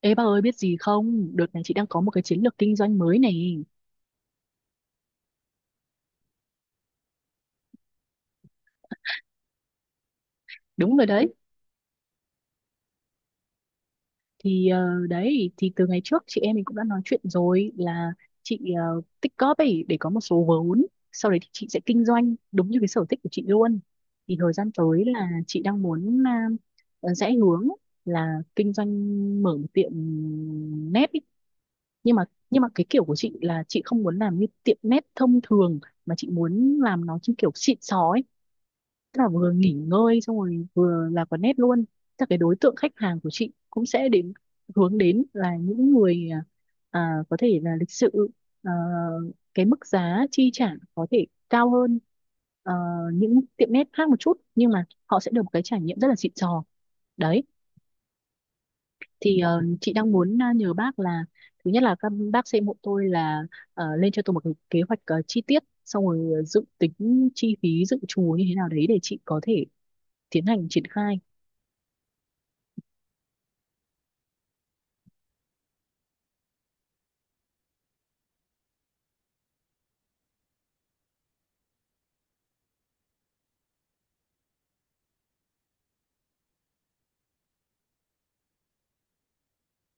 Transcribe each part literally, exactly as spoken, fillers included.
Ê bà ơi biết gì không? Đợt này chị đang có một cái chiến lược kinh doanh mới này. Đúng rồi đấy. Thì ờ, đấy thì từ ngày trước chị em mình cũng đã nói chuyện rồi là chị ờ, tích góp ấy để có một số vốn. Sau đấy thì chị sẽ kinh doanh đúng như cái sở thích của chị luôn. Thì thời gian tới là chị đang muốn à, rẽ hướng là kinh doanh, mở một tiệm nét ý. Nhưng mà nhưng mà cái kiểu của chị là chị không muốn làm như tiệm nét thông thường, mà chị muốn làm nó trên kiểu xịn sò ấy. Tức là vừa nghỉ ngơi xong rồi vừa là quán nét luôn. Chắc cái đối tượng khách hàng của chị cũng sẽ đến, hướng đến là những người à, có thể là lịch sự, à, cái mức giá chi trả có thể cao hơn, à, những tiệm nét khác một chút, nhưng mà họ sẽ được một cái trải nghiệm rất là xịn sò đấy. Thì ờ, chị đang muốn à, nhờ bác là thứ nhất là các bác sẽ hộ tôi là ờ, lên cho tôi một cái kế hoạch ờ, chi tiết, xong rồi dự tính chi phí dự trù như thế nào đấy để chị có thể tiến hành triển khai.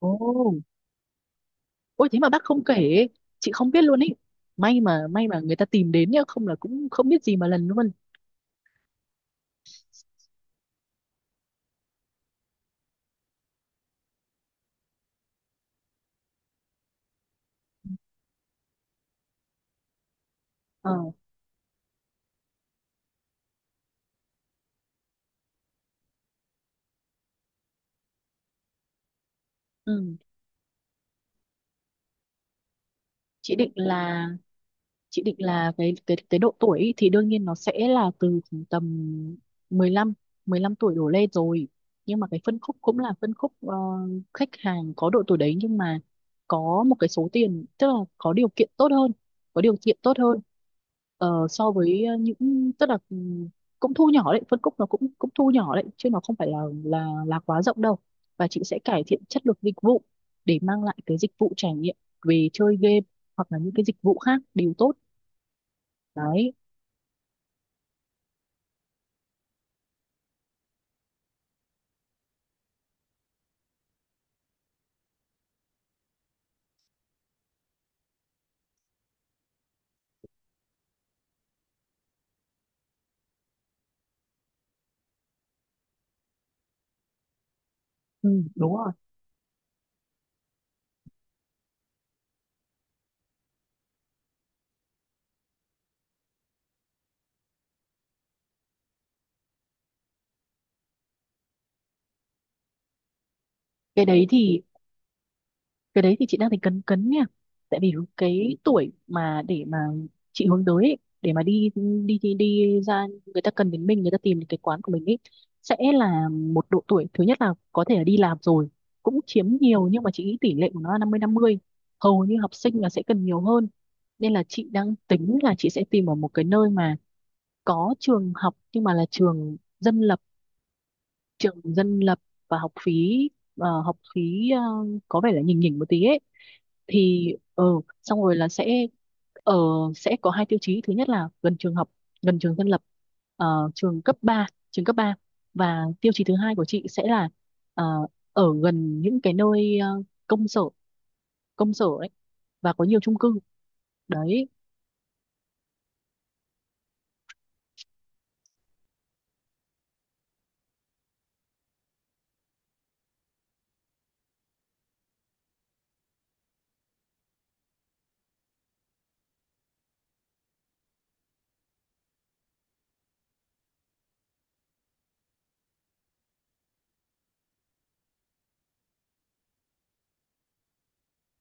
Ồ, ôi thế mà bác không kể, chị không biết luôn ý. May mà may mà người ta tìm đến nhá, không là cũng không biết gì mà lần luôn. ờ ừ. chị định là chị định là cái cái cái độ tuổi ý, thì đương nhiên nó sẽ là từ khoảng tầm mười lăm, mười lăm tuổi đổ lên rồi. Nhưng mà cái phân khúc cũng là phân khúc ờ, khách hàng có độ tuổi đấy, nhưng mà có một cái số tiền, tức là có điều kiện tốt hơn, có điều kiện tốt hơn ờ, so với ờ, những, tức là ừ, cũng thu nhỏ đấy, phân khúc nó cũng cũng thu nhỏ đấy chứ nó không phải là là là quá rộng đâu. Và chị sẽ cải thiện chất lượng dịch vụ để mang lại cái dịch vụ trải nghiệm về chơi game hoặc là những cái dịch vụ khác đều tốt đấy. Ừ, đúng rồi. Cái đấy thì cái đấy thì chị đang thấy cấn cấn nha, tại vì cái tuổi mà để mà chị hướng tới ấy, để mà đi đi đi đi ra, người ta cần đến mình, người ta tìm đến cái quán của mình ấy, sẽ là một độ tuổi thứ nhất là có thể là đi làm rồi, cũng chiếm nhiều, nhưng mà chị nghĩ tỷ lệ của nó là năm mươi năm mươi, hầu như học sinh là sẽ cần nhiều hơn. Nên là chị đang tính là chị sẽ tìm ở một cái nơi mà có trường học, nhưng mà là trường dân lập, trường dân lập, và học phí, ờ, học phí ờ, có vẻ là nhỉnh nhỉnh một tí ấy. Thì ờ Xong rồi là sẽ ờ sẽ có hai tiêu chí: thứ nhất là gần trường học, gần trường dân lập, ờ, trường cấp ba, trường cấp ba. Và tiêu chí thứ hai của chị sẽ là ờ, ở gần những cái nơi ờ, công sở, công sở ấy, và có nhiều chung cư đấy.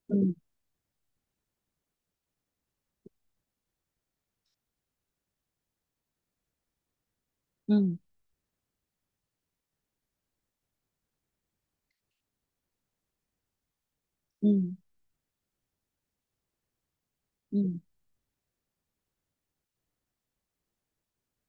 Ừ ừ, ừ, ừ,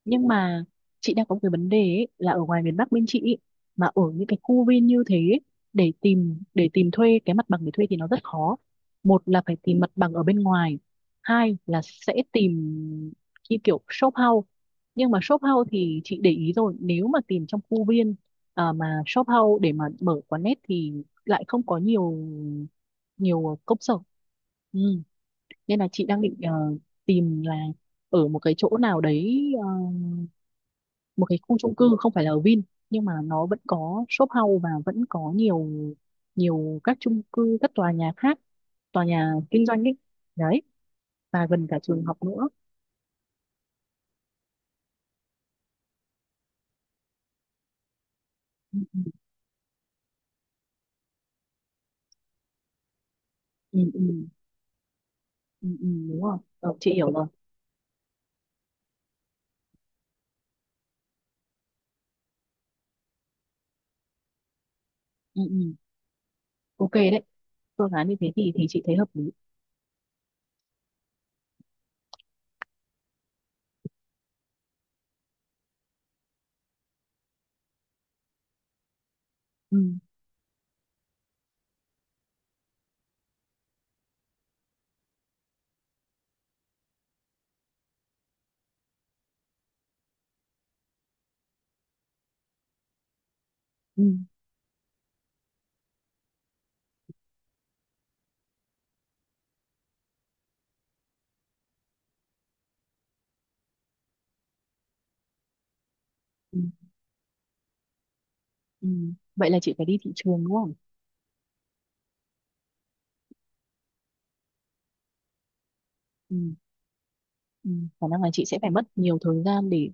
Nhưng mà chị đang có một cái vấn đề ấy, là ở ngoài miền Bắc bên chị ấy, mà ở những cái khu viên như thế ấy, để tìm để tìm thuê cái mặt bằng để thuê thì nó rất khó. Một là phải tìm mặt bằng ở bên ngoài, hai là sẽ tìm như kiểu shop house. Nhưng mà shop house thì chị để ý rồi, nếu mà tìm trong khu viên, à, mà shop house để mà mở quán net thì lại không có nhiều, nhiều công sở. Ừ. Nên là chị đang định ờ, tìm là ở một cái chỗ nào đấy, ờ, một cái khu chung cư không phải là ở Vin, nhưng mà nó vẫn có shop house, và vẫn có nhiều, nhiều các chung cư, các tòa nhà khác, tòa nhà kinh doanh ấy đấy, và gần cả trường học nữa. ừ, ừ, ừ, ừ, ừ, Đúng rồi. Ờ, chị hiểu rồi. ừ, ừ. Ok đấy, phương án như thế thì thì chị thấy hợp lý. ừ, ừ, ừ, ừ. Vậy là chị phải đi thị trường đúng không? ừ, ừ. Khả năng là chị sẽ phải mất nhiều thời gian để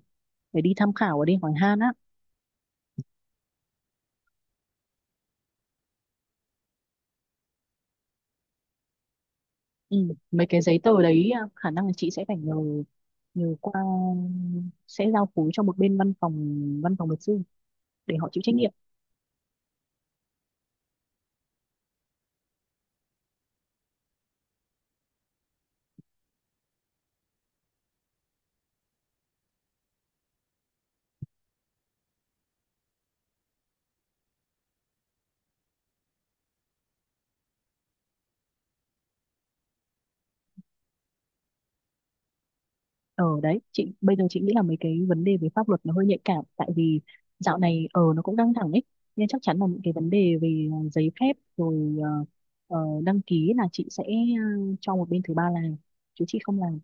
để đi tham khảo và đi hỏi han á. Ừ, mấy cái giấy tờ đấy, à, khả năng là chị sẽ phải nhờ, nhờ qua, sẽ giao phối cho một bên văn phòng, văn phòng luật sư, để họ chịu trách nhiệm. Ở đấy chị bây giờ chị nghĩ là mấy cái vấn đề về pháp luật nó hơi nhạy cảm, tại vì dạo này ở nó cũng căng thẳng ấy, nên chắc chắn là những cái vấn đề về à, giấy phép rồi, ờ, ờ, đăng ký là chị sẽ ờ, cho một bên thứ ba làm, chứ chị không làm.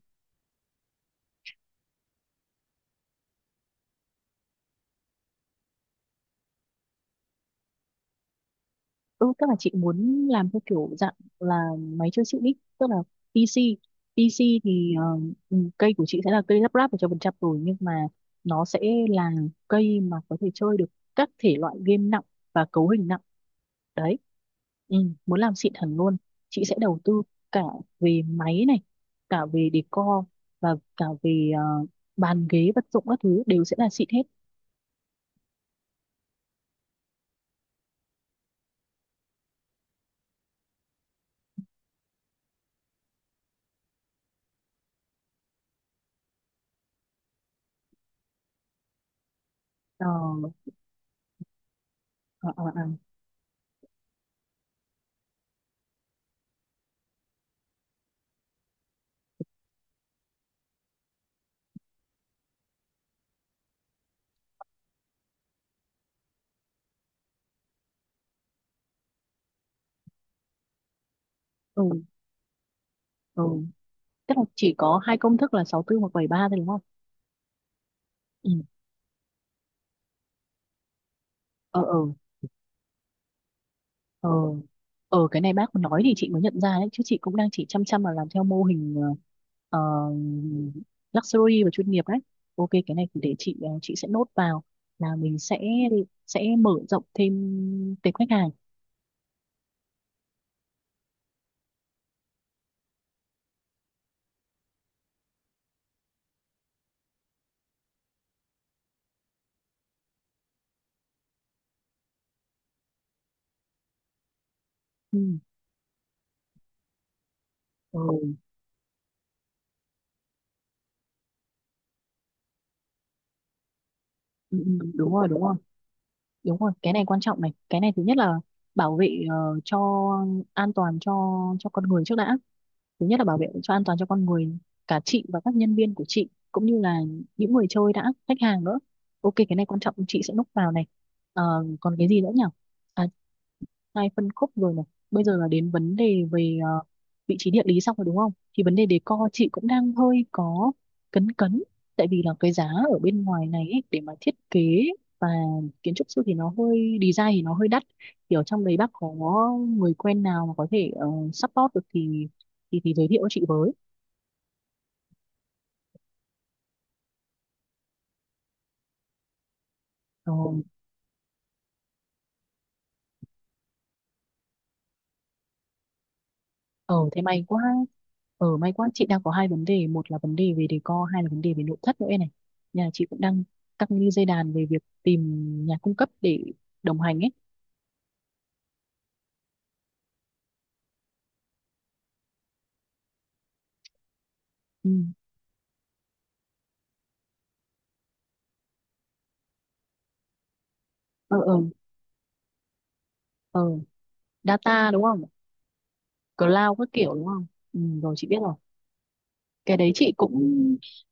Ừ, tức là chị muốn làm theo kiểu dạng là máy chơi chữ ít, tức là pê xê. pê xê thì ờ, ừ, cây của chị sẽ là cây lắp ráp một trăm phần trăm rồi, nhưng mà nó sẽ là cây mà có thể chơi được các thể loại game nặng và cấu hình nặng đấy. Ừ, muốn làm xịn hẳn luôn, chị sẽ đầu tư cả về máy này, cả về decor, và cả về ờ, bàn ghế vật dụng các thứ đều sẽ là xịn hết. Ờ, ờ, ờ, ờ. ừ, ừ. Tức là chỉ có hai công thức là sáu tư hoặc bảy ba thôi đúng không? Ừ. Ờ ờ ờ ờ cái này bác nói thì chị mới nhận ra đấy, chứ chị cũng đang chỉ chăm chăm vào làm theo mô hình ờ, ờ, luxury và chuyên nghiệp đấy. Ok, cái này thì để chị ờ, chị sẽ nốt vào là mình sẽ sẽ mở rộng thêm tệp khách hàng. Ừ. Ừ. Ừ, ừ, đúng rồi, đúng rồi đúng rồi cái này quan trọng này. Cái này thứ nhất là bảo vệ ờ, cho an toàn cho cho con người trước đã. Thứ nhất là bảo vệ cho an toàn cho con người, cả chị và các nhân viên của chị, cũng như là những người chơi đã khách hàng nữa. Ok, cái này quan trọng, chị sẽ núp vào này. Ờ, còn cái gì nữa nhỉ? À, hai phân khúc rồi này. Bây giờ là đến vấn đề về ờ, vị trí địa lý xong rồi đúng không, thì vấn đề decor chị cũng đang hơi có cấn cấn, tại vì là cái giá ở bên ngoài này ấy, để mà thiết kế và kiến trúc sư thì nó hơi design thì nó hơi đắt. Thì ở trong đấy bác có người quen nào mà có thể ờ, support được thì thì thì giới thiệu cho chị với. Ờ, Ờ thế may quá. Ờ may quá, chị đang có hai vấn đề: một là vấn đề về decor, hai là vấn đề về nội thất nữa này. Nhà chị cũng đang căng như dây đàn về việc tìm nhà cung cấp để đồng hành ấy. ừ. Ờ ờ ờ Data đúng không? Cloud các kiểu đúng không? Ừ, rồi chị biết rồi. Cái đấy chị cũng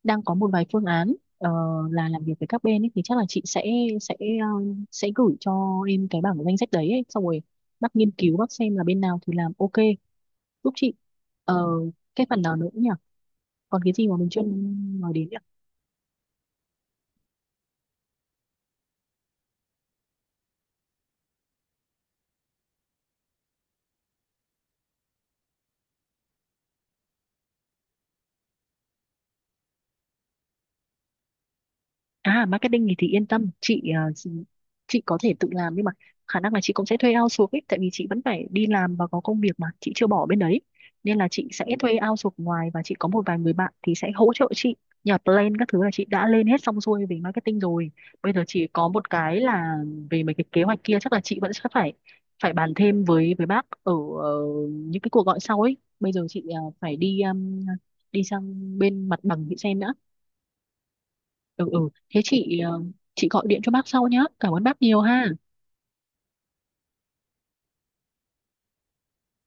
đang có một vài phương án, ờ, là làm việc với các bên ấy, thì chắc là chị sẽ sẽ ờ, sẽ gửi cho em cái bảng danh sách đấy ấy. Xong rồi bác nghiên cứu, bác xem là bên nào thì làm ok, giúp chị. ờ, cái phần nào nữa nhỉ, còn cái gì mà mình chưa nói đến nhỉ? À marketing thì, thì yên tâm, chị ờ, chị chị có thể tự làm, nhưng mà khả năng là chị cũng sẽ thuê outsource ấy, tại vì chị vẫn phải đi làm và có công việc mà chị chưa bỏ bên đấy, nên là chị sẽ thuê outsource ngoài, và chị có một vài người bạn thì sẽ hỗ trợ chị. Nhà plan các thứ là chị đã lên hết xong xuôi về marketing rồi. Bây giờ chỉ có một cái là về mấy cái kế hoạch kia chắc là chị vẫn sẽ phải phải bàn thêm với với bác ở ờ, những cái cuộc gọi sau ấy. Bây giờ chị ờ, phải đi um, đi sang bên mặt bằng chị xem đã. ừ ừ Thế chị ờ, chị gọi điện cho bác sau nhá, cảm ơn bác nhiều ha.